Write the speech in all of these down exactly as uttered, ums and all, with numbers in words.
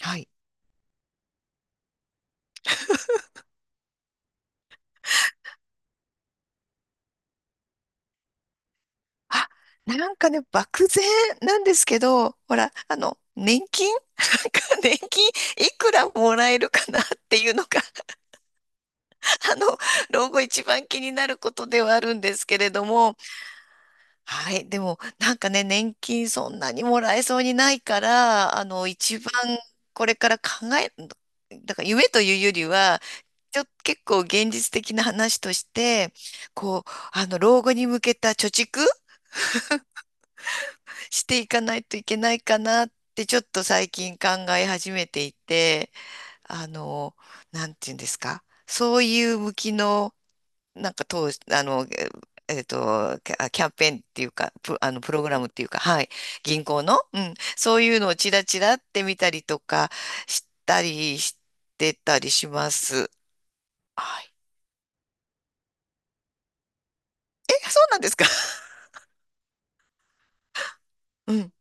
はい。あ、なんかね、漠然なんですけど、ほら、あの、年金 なんか年金いくらもらえるかなっていうのが、あの、老後一番気になることではあるんですけれども、はい。でも、なんかね、年金そんなにもらえそうにないから、あの、一番これから考え、だから夢というよりは、ちょっと結構現実的な話として、こう、あの、老後に向けた貯蓄していかないといけないかなってちょっと最近考え始めていて、あの、なんていうんですか、そういう向きの、なんか当、あの、えっと、キャキャンペーンっていうか、プ、あの、プログラムっていうか、はい、銀行の、うん、そういうのをチラチラって見たりとかしたりしてたりします。はい。え、そうなんですか？ うん。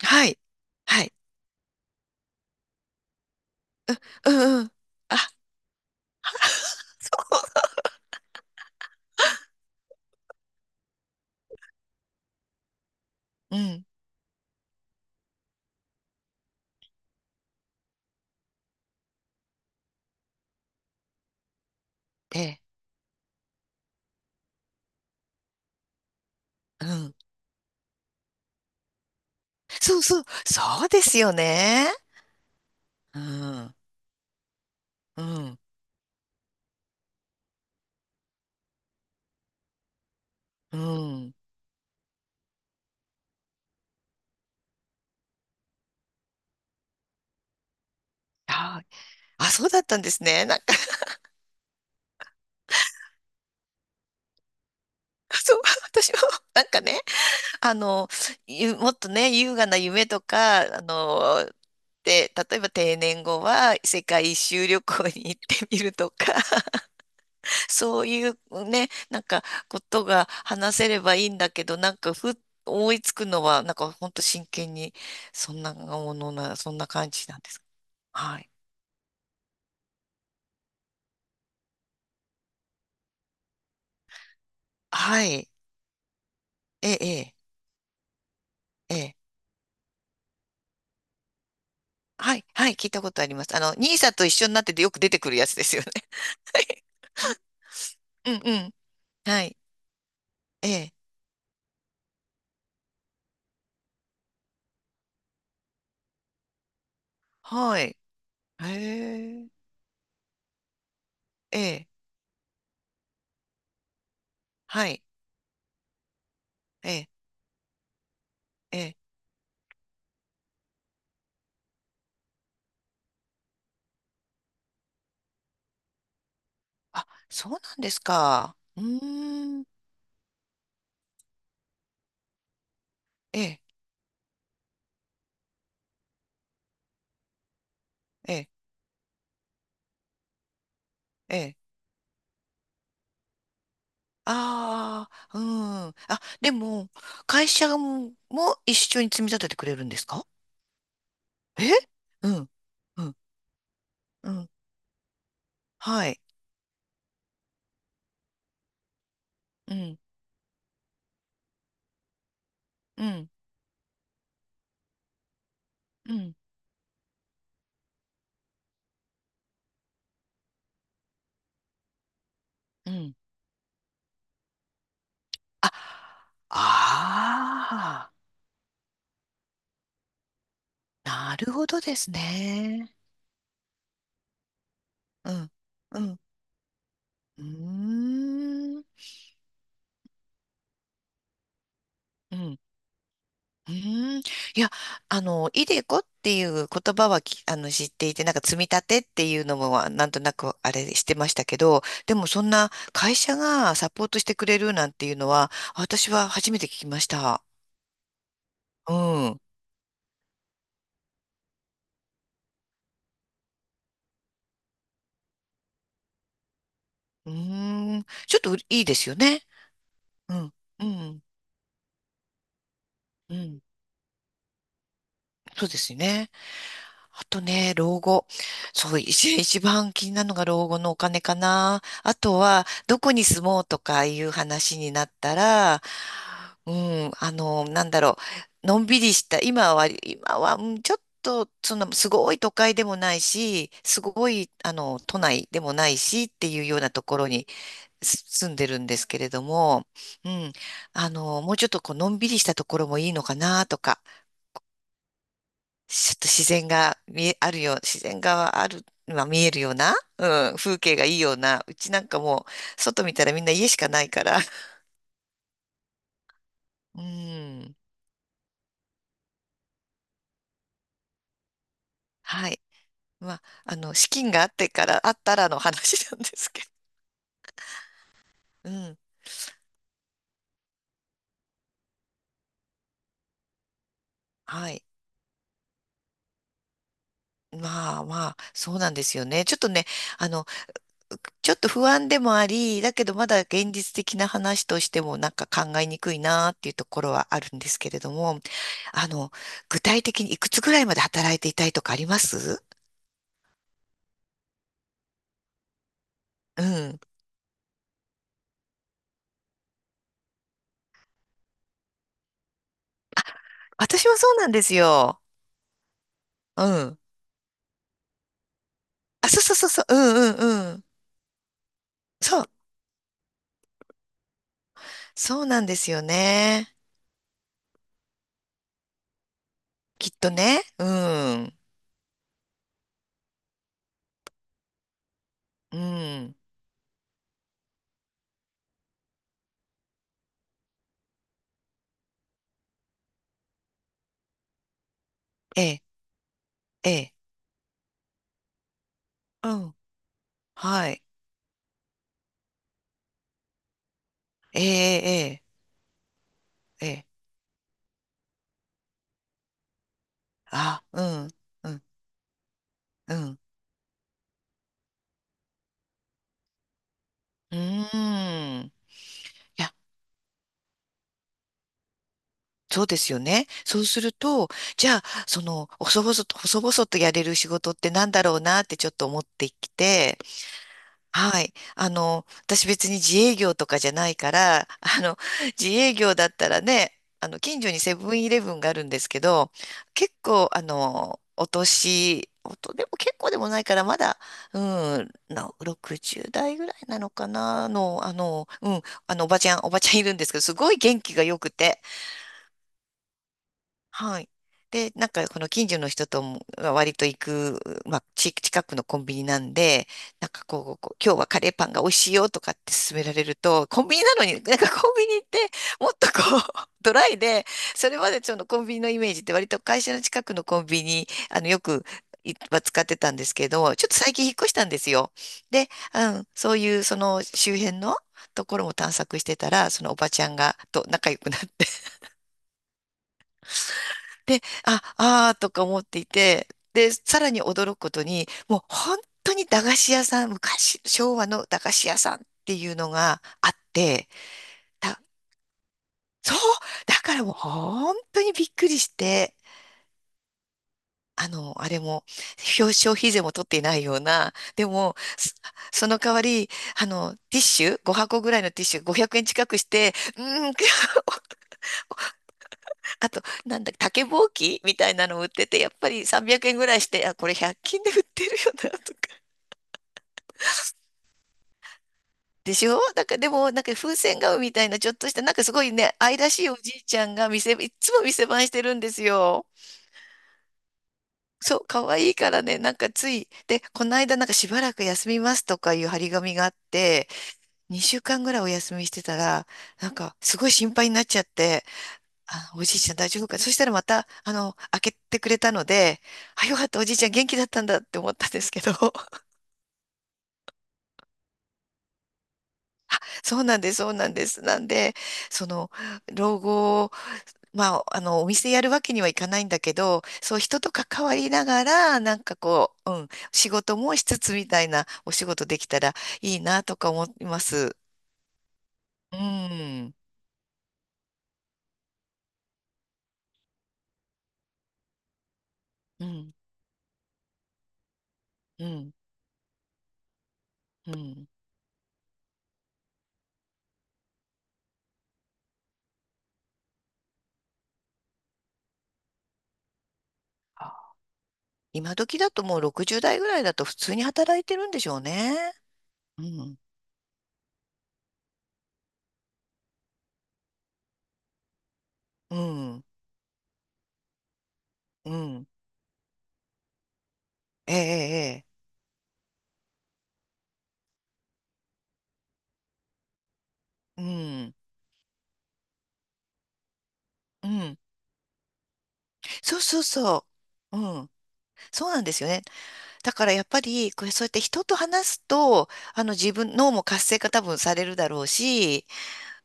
はい。はい。うんうん。あ、うん。ええ。うん。そうそう、そうですよね。うん、うん、うん。ああ、そうだったんですね。なんか、そう、私も、なんかね、あの、ゆもっとね、優雅な夢とか、あの、で、例えば定年後は世界一周旅行に行ってみるとか、そういうね、なんかことが話せればいいんだけど、なんかふっ思いつくのは、なんかほんと真剣に、そんなものな、そんな感じなんです。はい。はい。ええ、ええ。ええ。はい、はい、聞いたことあります。あの、ニーサと一緒になっててよく出てくるやつですよね。はいうんうん。はい。ええ。はい。へえ。ええ。はい。ええ。ええ。あ、そうなんですか。うーん。ええ。ええ。ええ。ああ、うん。あ、でも、会社も、も一緒に積み立ててくれるんですか？え、うん。うん。うん。はい。うん。うん。うん。うん。あ、ああ、なるほどですね。うん、うん、うーん、うん、うーん。いや、あの、イデコっていう言葉はき、あの、知っていて、なんか積み立てっていうのも、あなんとなくあれしてましたけど、でもそんな会社がサポートしてくれるなんていうのは、私は初めて聞きました。うん、うーん、ちょっといいですよね。うん、うん、うん、そうですね。あとね、老後。そう、一一番気になるのが老後のお金かな。あとは、どこに住もうとかいう話になったら、うん、あの、なんだろう、のんびりした、今は、今は、うんちょっと、その、すごい都会でもないし、すごい、あの、都内でもないしっていうようなところにす住んでるんですけれども、うん、あの、もうちょっとこう、のんびりしたところもいいのかなとか、ちょっと自然が見え、あるよう、自然がある、まあ見えるような、うん、風景がいいような、うちなんかもう、外見たらみんな家しかないから、うん、はい。まあ、あの、資金があってから、あったらの話なんですけど、うん、はい。まあまあ、そうなんですよね。ちょっとね、あの、ちょっと不安でもあり、だけどまだ現実的な話としてもなんか考えにくいなっていうところはあるんですけれども、あの、具体的にいくつぐらいまで働いていたいとかあります？うん。私もそうなんですよ。うん。あ、そうそうそうそう。うんうんうん。そう。そうなんですよね。きっとね。うん。うん。ええ、ええ。うん。はい。ええ、ええ、ええ。あ、うん。うん。うん。うーん。いや、そうですよね。そうすると、じゃあ、その、細々と、細々とやれる仕事ってなんだろうなってちょっと思ってきて、はい。あの、私別に自営業とかじゃないから、あの、自営業だったらね、あの、近所にセブンイレブンがあるんですけど、結構、あの、お年、おと、でも結構でもないから、まだ、うん、なろくじゅう代ぐらいなのかな、の、あの、うん、あの、おばちゃん、おばちゃんいるんですけど、すごい元気が良くて、はい。で、なんか、この近所の人とも割と行く、まあ、ち近くのコンビニなんで、なんかこう、こう今日はカレーパンが美味しいよとかって勧められると、コンビニなのに、なんかコンビニってもっとこう、ドライで、それまでそのコンビニのイメージって割と会社の近くのコンビニ、あの、よく、いは使ってたんですけど、ちょっと最近引っ越したんですよ。で、うん、そういうその周辺のところも探索してたら、そのおばちゃんがと仲良くなってで、あ、あーとか思っていて、で、さらに驚くことに、もう本当に駄菓子屋さん、昔、昭和の駄菓子屋さんっていうのがあって、だ、そう、だからもう本当にびっくりして、あの、あれも、表消費税も取っていないような、でも、そその代わり、あの、ティッシュ、ご箱ぐらいのティッシュごひゃくえん近くして、うーん、あと、なんだ、竹ぼうきみたいなのを売ってて、やっぱりさんびゃくえんぐらいして、あ、これひゃく均で売ってるよな、とか。でしょ？なんかでも、なんか風船顔みたいなちょっとした、なんかすごいね、愛らしいおじいちゃんが店、いつも店番してるんですよ。そう、可愛いからね、なんかつい、で、この間なんかしばらく休みますとかいう張り紙があって、にしゅうかんぐらいお休みしてたら、なんかすごい心配になっちゃって、あ、おじいちゃん大丈夫か？そしたらまた、あの、開けてくれたので、あ、よかった、おじいちゃん元気だったんだって思ったんですけど、そうなんです、そうなんです。なんで、その、老後まあ、あの、お店やるわけにはいかないんだけど、そう、人と関わりながら、なんかこう、うん、仕事もしつつみたいなお仕事できたらいいなとか思います。うん、うん、うん、うん。あ、今時だともうろくじゅう代ぐらいだと普通に働いてるんでしょうね。うん、うん、うん。ええ、ええ、ええうん、うん。そうそうそう。うん、そうなんですよね。だからやっぱり、これそうやって人と話すと、あの自分、脳も活性化多分されるだろうし、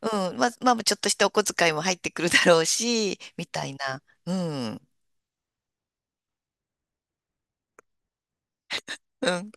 うん、まあ、まあちょっとしたお小遣いも入ってくるだろうし、みたいな。うん。うん